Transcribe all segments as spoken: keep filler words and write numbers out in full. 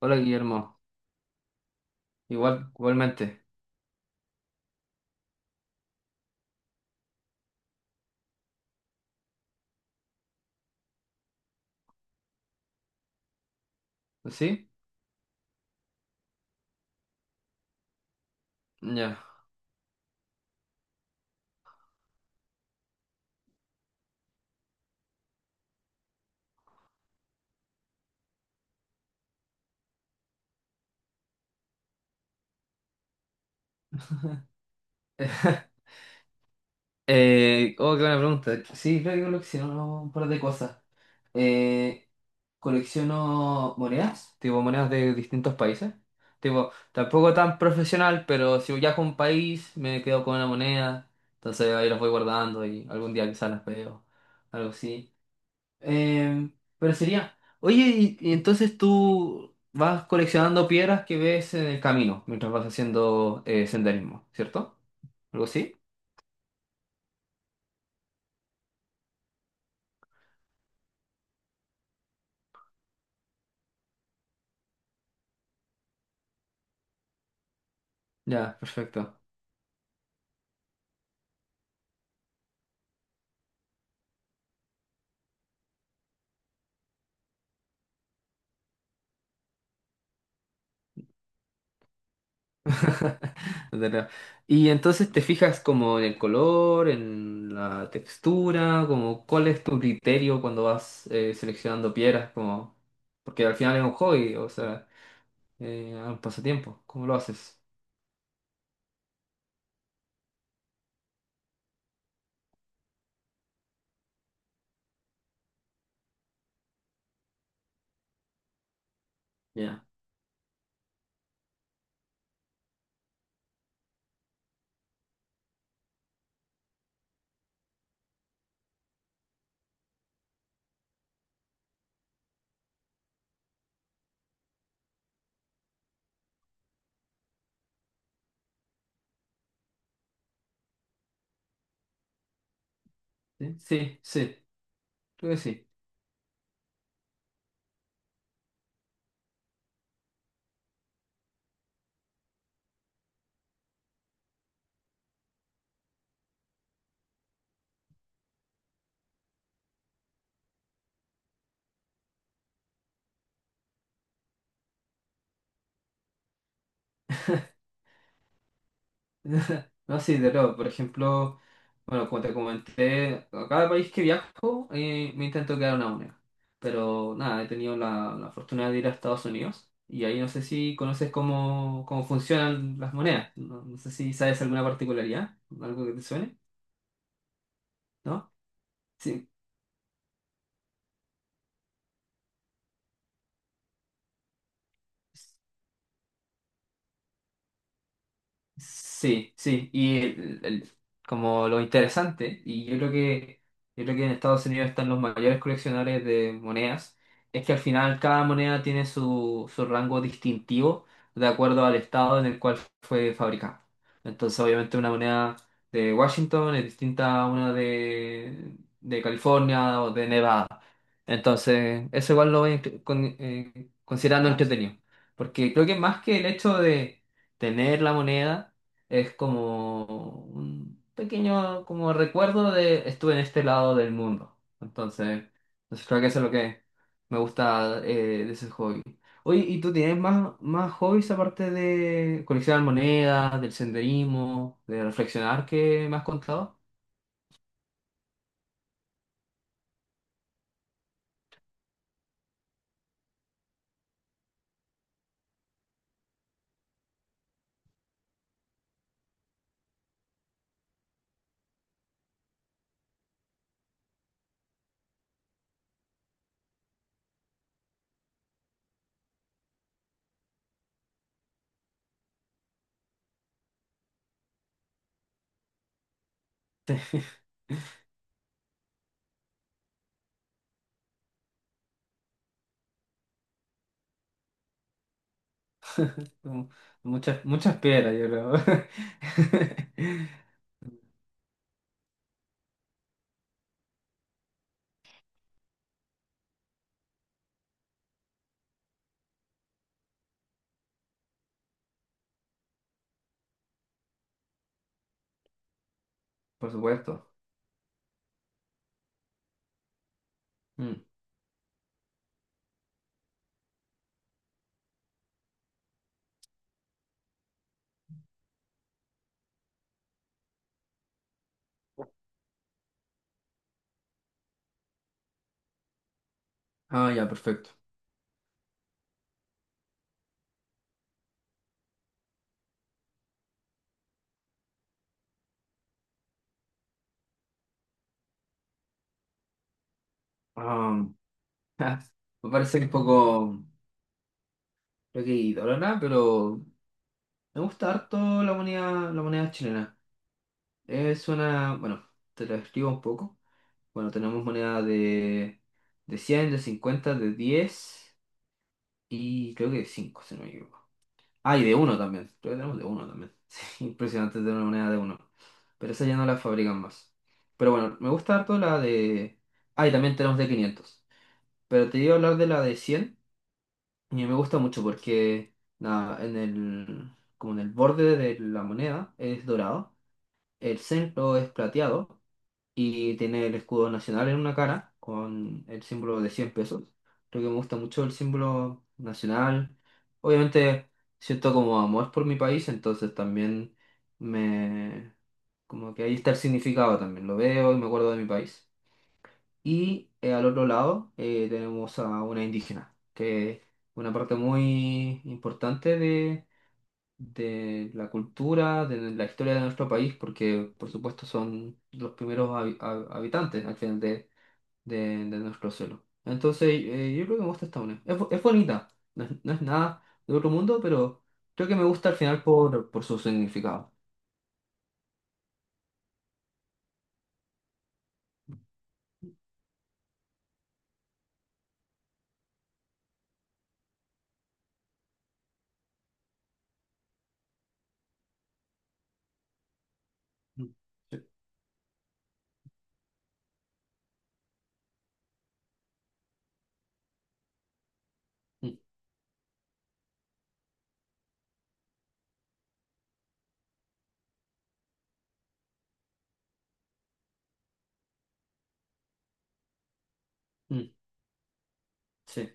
Hola Guillermo, igual, igualmente. ¿Sí? Ya. Eh, oh, qué buena pregunta. Sí, creo que colecciono un par de cosas. Eh, colecciono monedas, tipo monedas de distintos países. Tipo, tampoco tan profesional, pero si viajo a un país me quedo con una moneda. Entonces ahí las voy guardando y algún día quizás las veo. Algo así. Em, pero sería, oye, y, y entonces tú vas coleccionando piedras que ves en el camino mientras vas haciendo eh, senderismo, ¿cierto? ¿Algo así? Ya, perfecto. No te creo. Y entonces te fijas como en el color, en la textura, como cuál es tu criterio cuando vas eh, seleccionando piedras, como porque al final es un hobby, o sea, eh, un pasatiempo. ¿Cómo lo haces? Ya. Sí, sí, sí, creo que sí. No, sí, de luego, por ejemplo, bueno, como te comenté, a cada país que viajo eh, me intento quedar una moneda. Pero nada, he tenido la, la fortuna de ir a Estados Unidos y ahí no sé si conoces cómo, cómo funcionan las monedas. No, no sé si sabes alguna particularidad, algo que te suene, ¿no? Sí. Sí, sí, y el- el- como lo interesante, y yo creo que, yo creo que en Estados Unidos están los mayores coleccionadores de monedas, es que al final cada moneda tiene su, su rango distintivo de acuerdo al estado en el cual fue fabricada. Entonces, obviamente una moneda de Washington es distinta a una de, de California o de Nevada. Entonces, eso igual lo voy a inclu- con- eh, considerando entretenido, porque creo que más que el hecho de tener la moneda es como un pequeño como recuerdo de estuve en este lado del mundo. Entonces, entonces creo que eso es lo que me gusta eh, de ese hobby. Oye, ¿y tú tienes más, más hobbies aparte de coleccionar monedas, del senderismo, de reflexionar que me has contado? Como muchas, muchas piedras, yo creo. Por supuesto. Mm. Ah, ya, perfecto. Am, me parece un poco. Creo que idólatra, pero me gusta harto la moneda, la moneda chilena. Es una, bueno, te la escribo un poco. Bueno, tenemos moneda de, de cien, de cincuenta, de diez y creo que de cinco, si no me equivoco. Ah, y de uno también. Creo que tenemos de uno también. Sí, impresionante tener una moneda de uno. Pero esa ya no la fabrican más. Pero bueno, me gusta harto la de... Ah, y también tenemos de quinientos. Pero te iba a hablar de la de cien. Y me gusta mucho porque nada, en el, como en el borde de la moneda es dorado, el centro es plateado y tiene el escudo nacional en una cara con el símbolo de cien pesos. Creo que me gusta mucho el símbolo nacional. Obviamente siento como amor por mi país, entonces también me... como que ahí está el significado también. Lo veo y me acuerdo de mi país. Y eh, al otro lado eh, tenemos a una indígena, que es una parte muy importante de, de la cultura, de la historia de nuestro país, porque por supuesto son los primeros habi- hab- habitantes al final de, de, de nuestro suelo. Entonces eh, yo creo que me gusta esta unión. Es, bo- es bonita, no es, no es nada de otro mundo, pero creo que me gusta al final por, por su significado. Mm, sí, mm, mm, sí,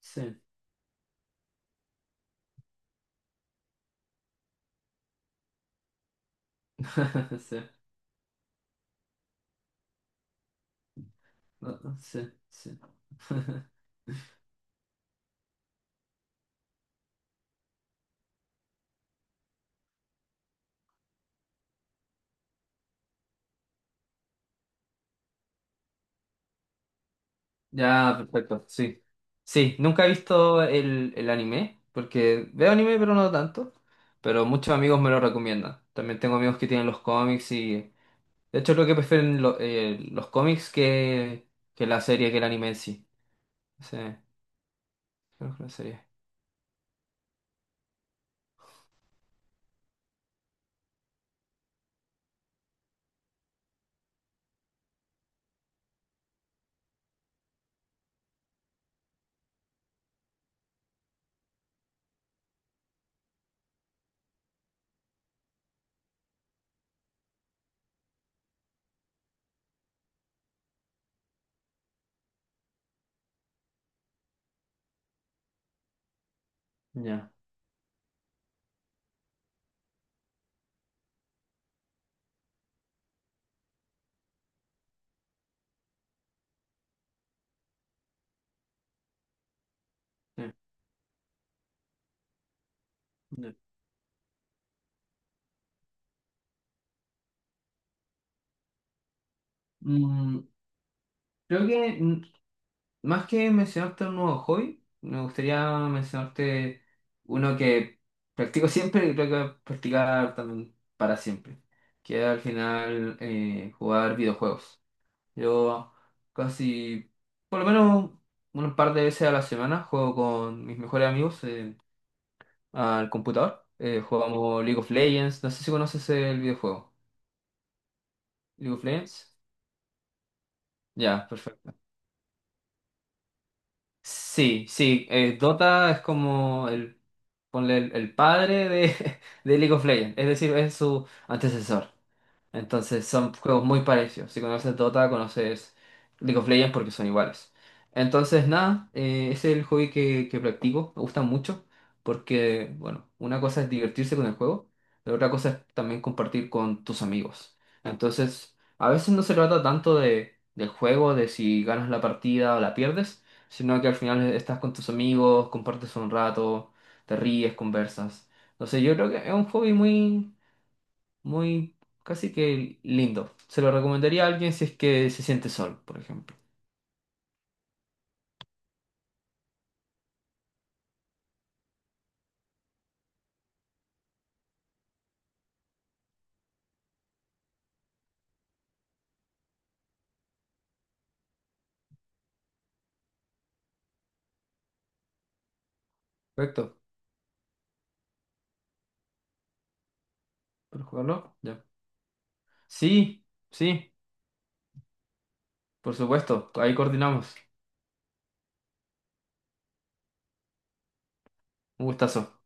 sí, sí, no, no, sí. Sí. Ya, perfecto, sí. Sí, nunca he visto el, el anime, porque veo anime pero no tanto, pero muchos amigos me lo recomiendan. También tengo amigos que tienen los cómics y... De hecho, creo que prefieren lo- eh, los cómics que, que la serie, que el anime en sí. Sí, creo que la serie. Ya. Sí, ya. Mm, creo que... Más que mencionarte un nuevo hobby, me gustaría mencionarte uno que practico siempre y creo que voy a practicar también para siempre, que es al final eh, jugar videojuegos. Yo casi, por lo menos un par de veces a la semana, juego con mis mejores amigos eh, al computador. Eh, jugamos League of Legends, no sé si conoces el videojuego. ¿League of Legends? Ya, perfecto. Sí, sí, eh, Dota es como el... Ponle el, el padre de, de League of Legends, es decir, es su antecesor. Entonces son juegos muy parecidos. Si conoces Dota, conoces League of Legends porque son iguales. Entonces, nada, eh, ese es el hobby que, que practico. Me gusta mucho porque, bueno, una cosa es divertirse con el juego, pero otra cosa es también compartir con tus amigos. Entonces, a veces no se trata tanto de, del juego, de si ganas la partida o la pierdes, sino que al final estás con tus amigos, compartes un rato, te ríes, conversas. Entonces, yo creo que es un hobby muy muy casi que lindo. Se lo recomendaría a alguien si es que se siente sol, por ejemplo. Perfecto. ¿Puedo jugarlo? Ya. Sí, sí, por supuesto. Ahí coordinamos. Un gustazo.